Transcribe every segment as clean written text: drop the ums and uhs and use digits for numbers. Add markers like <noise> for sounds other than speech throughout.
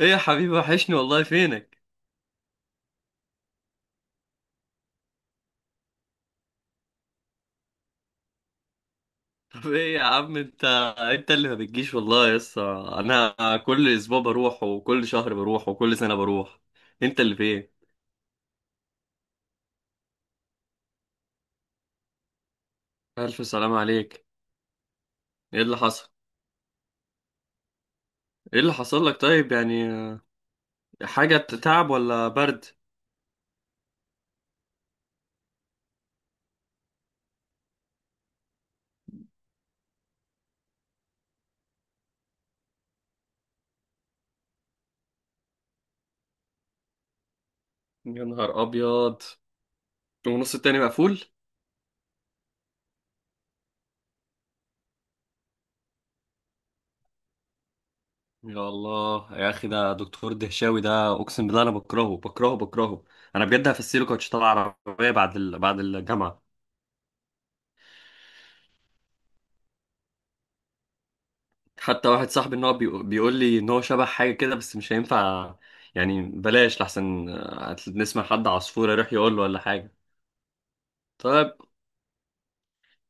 ايه يا حبيبي، وحشني والله، فينك؟ طب ايه يا عم انت؟ انت اللي ما بتجيش والله يا اسطى. انا كل اسبوع بروح وكل شهر بروح وكل سنه بروح. انت اللي فين؟ الف سلام عليك. ايه اللي حصل؟ ايه اللي حصل لك طيب يعني؟ حاجه تعب ولا برد؟ يا نهار ابيض. ونص التاني مقفول؟ يا الله يا اخي، ده دكتور دهشاوي ده اقسم بالله انا بكرهه بكرهه بكرهه. انا بجد هفسيله كوتش طلع عربيه بعد بعد الجامعه. حتى واحد صاحبي ان هو بيقول لي ان هو شبه حاجه كده بس مش هينفع. يعني بلاش لحسن نسمع حد عصفور يروح يقول له ولا حاجه. طيب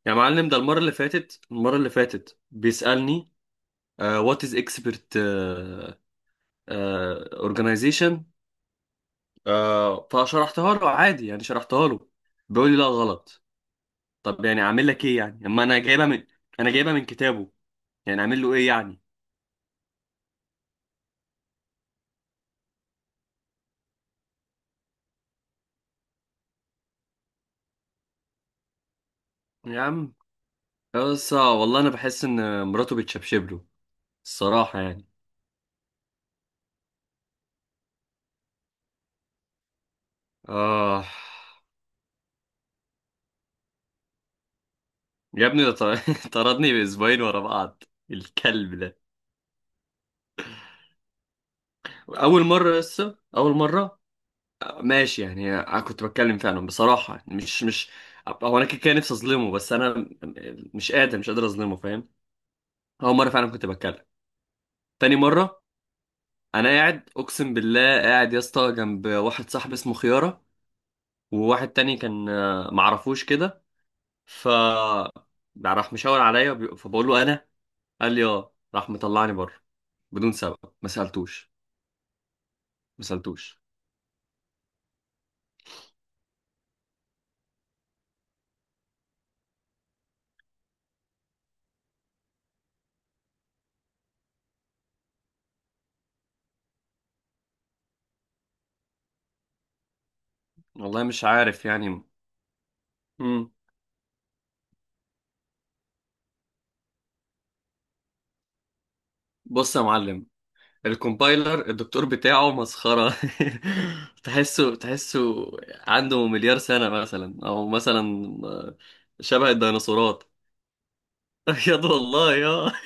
يا معلم، ده المره اللي فاتت، المره اللي فاتت بيسالني: وات از اكسبرت اورجانيزيشن؟ فشرحتها له عادي، يعني شرحتها له. بيقول لي لا غلط. طب يعني اعمل لك ايه يعني؟ اما انا جايبها من، انا جايبها من كتابه. يعني اعمل له ايه يعني؟ يا عم، بس والله انا بحس ان مراته بتشبشب له الصراحة يعني. آه. يا ابني ده <laughs> طردني بأسبوعين ورا بعض، الكلب ده. أول مرة، لسه أول مرة. ماشي يعني، أنا كنت بتكلم فعلا بصراحة، يعني مش. هو أنا كده كده نفسي أظلمه، بس أنا مش قادر، مش قادر أظلمه، فاهم؟ أول مرة فعلا كنت بتكلم. تاني مرة، أنا قاعد أقسم بالله، قاعد يا اسطى جنب واحد صاحبي اسمه خيارة، وواحد تاني كان معرفوش كده. ف راح مشاور عليا، فبقول له انا. قال لي اه، راح مطلعني بره بدون سبب، ما سالتوش. ما سالتوش والله، مش عارف يعني. امم بص يا معلم، الكومبايلر الدكتور بتاعه مسخره. <laughs> تحسه تحسه عنده مليار سنه مثلا، او مثلا آه، شبه الديناصورات. <laughs> بجد والله يا <laughs>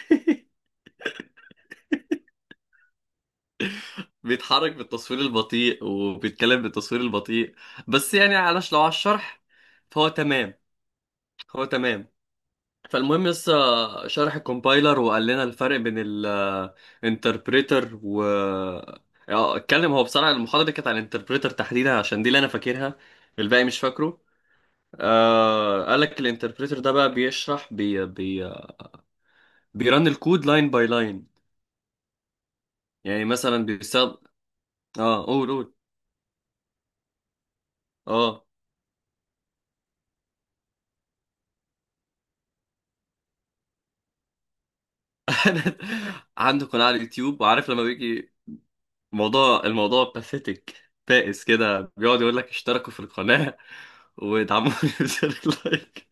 بيتحرك بالتصوير البطيء وبيتكلم بالتصوير البطيء، بس يعني علش لو على الشرح فهو تمام، هو تمام. فالمهم، لسه شرح الكومبايلر وقال لنا الفرق بين الانتربريتر و اتكلم. هو بصراحة المحاضرة دي كانت عن الانتربريتر تحديدا، عشان دي اللي انا فاكرها، الباقي مش فاكره. آه قال لك الانتربريتر ده بقى بيشرح بي بيرن الكود لاين باي لاين. يعني مثلا بيستخدم، اه قول قول. اه. <laughs> عنده قناة على اليوتيوب، وعارف لما بيجي موضوع الموضوع باثيتك بائس كده بيقعد يقول لك اشتركوا في القناة وادعموني. <laughs> بزر اللايك.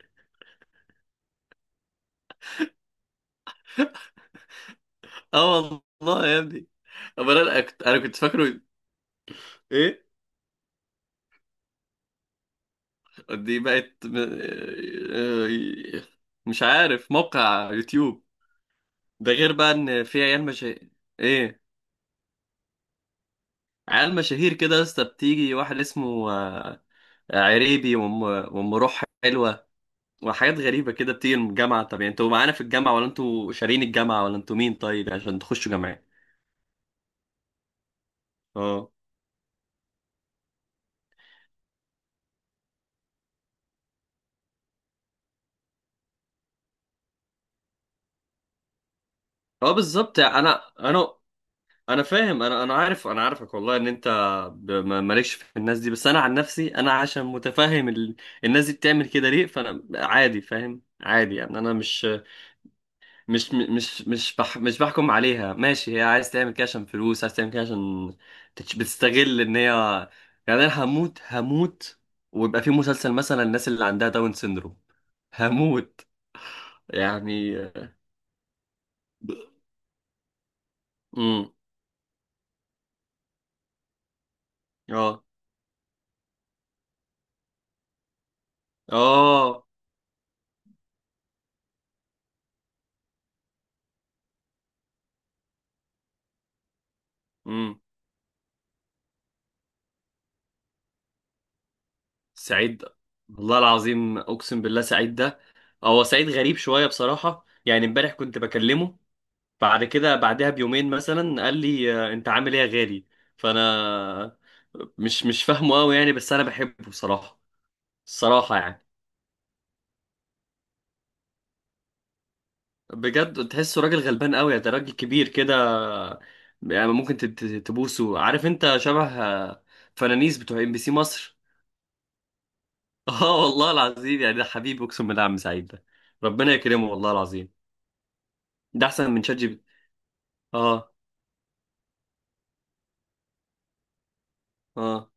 اه والله يا ابني. امال أنا كنت، انا كنت فاكره ايه؟ دي بقت آه، مش عارف، موقع يوتيوب. ده غير بقى ان في عيال مشاهير. ايه؟ عيال مشاهير كده يا اسطى، بتيجي واحد اسمه عريبي، وام وام روح حلوه، وحاجات غريبه كده بتيجي من الجامعه. طب يعني انتوا معانا في الجامعه، ولا انتوا شارين الجامعه، ولا انتوا مين طيب عشان تخشوا جامعه؟ اه اه، بالظبط. انا انا فاهم، انا عارف، انا عارفك والله ان انت مالكش في الناس دي. بس انا عن نفسي، انا عشان متفهم الناس دي بتعمل كده ليه، فانا عادي فاهم عادي، يعني انا مش بحكم عليها. ماشي، هي عايز تعمل كده عشان فلوس، عايز تعمل كده عشان بتستغل ان هي يعني. انا هموت، هموت ويبقى في مسلسل مثلا الناس اللي عندها داون سيندروم، هموت يعني. امم اه. اه. امم. سعيد، والله العظيم اقسم بالله سعيد ده، هو سعيد غريب شويه بصراحه، يعني امبارح كنت بكلمه، بعد كده بعدها بيومين مثلا قال لي انت عامل ايه يا غالي؟ فانا مش فاهمه قوي يعني، بس انا بحبه بصراحه، الصراحه يعني. بجد تحسه راجل غلبان قوي، ده راجل كبير كده يعني، ممكن تبوسه. عارف انت شبه فنانيس بتوع ام بي سي مصر. <laughs> اه والله العظيم، يعني ده حبيبي اقسم بالله عم سعيد ده، ربنا يكرمه والله العظيم. ده احسن من شات جي بي تي. اه. اه.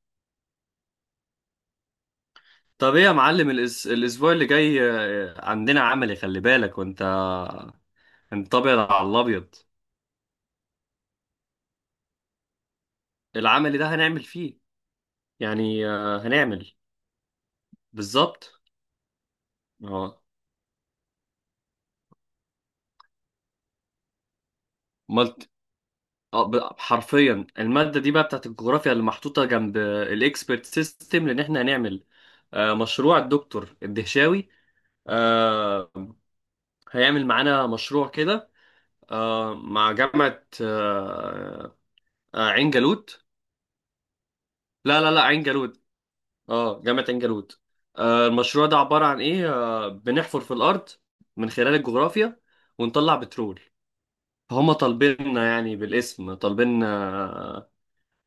طب ايه يا معلم، الاسبوع اللي جاي عندنا عملي، خلي بالك. وانت انت ابيض على الابيض. العملي ده هنعمل فيه، يعني هنعمل، بالظبط. اه ملت. حرفيا المادة دي بقى بتاعت الجغرافيا، اللي محطوطة جنب الاكسبرت سيستم، لان احنا هنعمل مشروع الدكتور الدهشاوي. آه، هيعمل معانا مشروع كده مع جامعة عين جالوت. لا عين جالوت، اه جامعة عين جالوت. آه المشروع ده عبارة عن ايه؟ آه بنحفر في الأرض من خلال الجغرافيا، ونطلع بترول. فهم طالبيننا يعني، بالاسم طالبيننا آه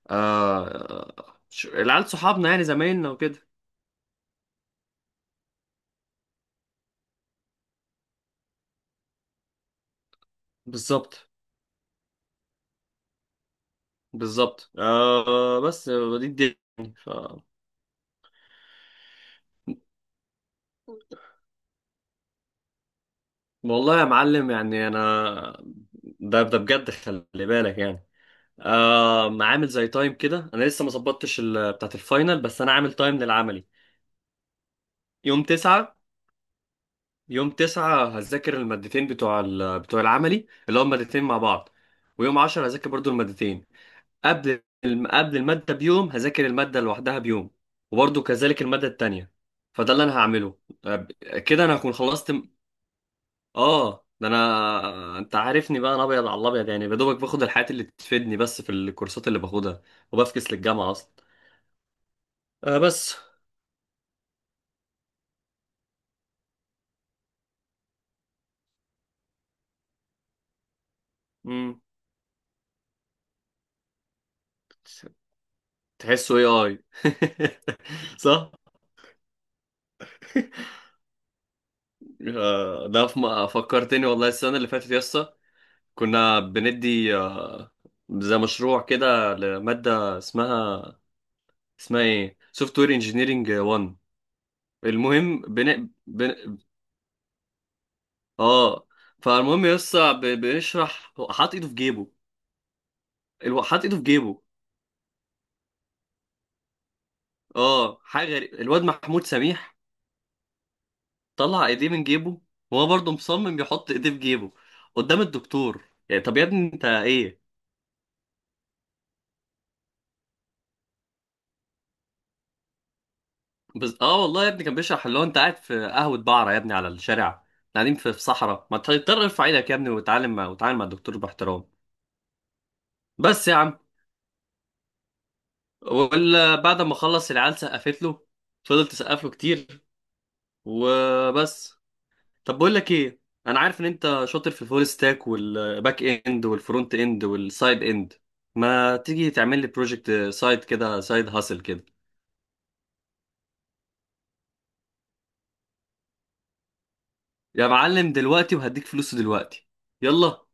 العيال صحابنا يعني زمايلنا وكده. بالظبط، بالظبط. آه بس آه، دي الدنيا ف... والله يا معلم يعني انا، ده ده بجد خلي بالك يعني. آه عامل زي تايم كده، انا لسه ما ظبطتش بتاعت الفاينل، بس انا عامل تايم للعملي. يوم تسعة، يوم تسعة هذاكر المادتين بتوع بتوع العملي اللي هم مادتين مع بعض، ويوم عشرة هذاكر برضو المادتين. قبل المادة بيوم هذاكر المادة لوحدها بيوم، وبرضو كذلك المادة التانية. فده اللي أنا هعمله. كده أنا هكون خلصت ده. أنا أنت عارفني بقى، أنا أبيض على الأبيض يعني. يا دوبك باخد الحاجات اللي تفيدني بس في الكورسات اللي باخدها، وبفكس للجامعة أصلا. آه بس مم. تحسه إيه آي <laughs> صح؟ ده في فكرتني والله السنة اللي فاتت يسطا، كنا بندي زي مشروع كده لمادة اسمها، اسمها ايه، سوفت وير انجينيرنج 1. المهم بن... بن... اه فالمهم يسطا بنشرح حاط ايده في جيبه حاط ايده في جيبه. اه حاجة غريبة، الواد محمود سميح طلع ايديه من جيبه، وهو برضه مصمم يحط ايديه في جيبه قدام الدكتور. يعني طب يا ابني انت ايه؟ بس اه والله يا ابني كان بيشرح اللي هو انت قاعد في قهوة بعرة يا ابني على الشارع. إحنا قاعدين في صحراء، ما تضطر ارفع ايدك يا ابني وتعلم مع الدكتور باحترام. بس يا عم، ولا بعد ما خلص العيال سقفت له، فضلت تسقف له كتير وبس. طب بقول لك ايه، انا عارف ان انت شاطر في الفول ستاك والباك اند والفرونت اند والسايد اند، ما تيجي تعمل لي بروجكت سايد كده، سايد هاسل كده. يا معلم دلوقتي، وهديك فلوسه دلوقتي. يلا.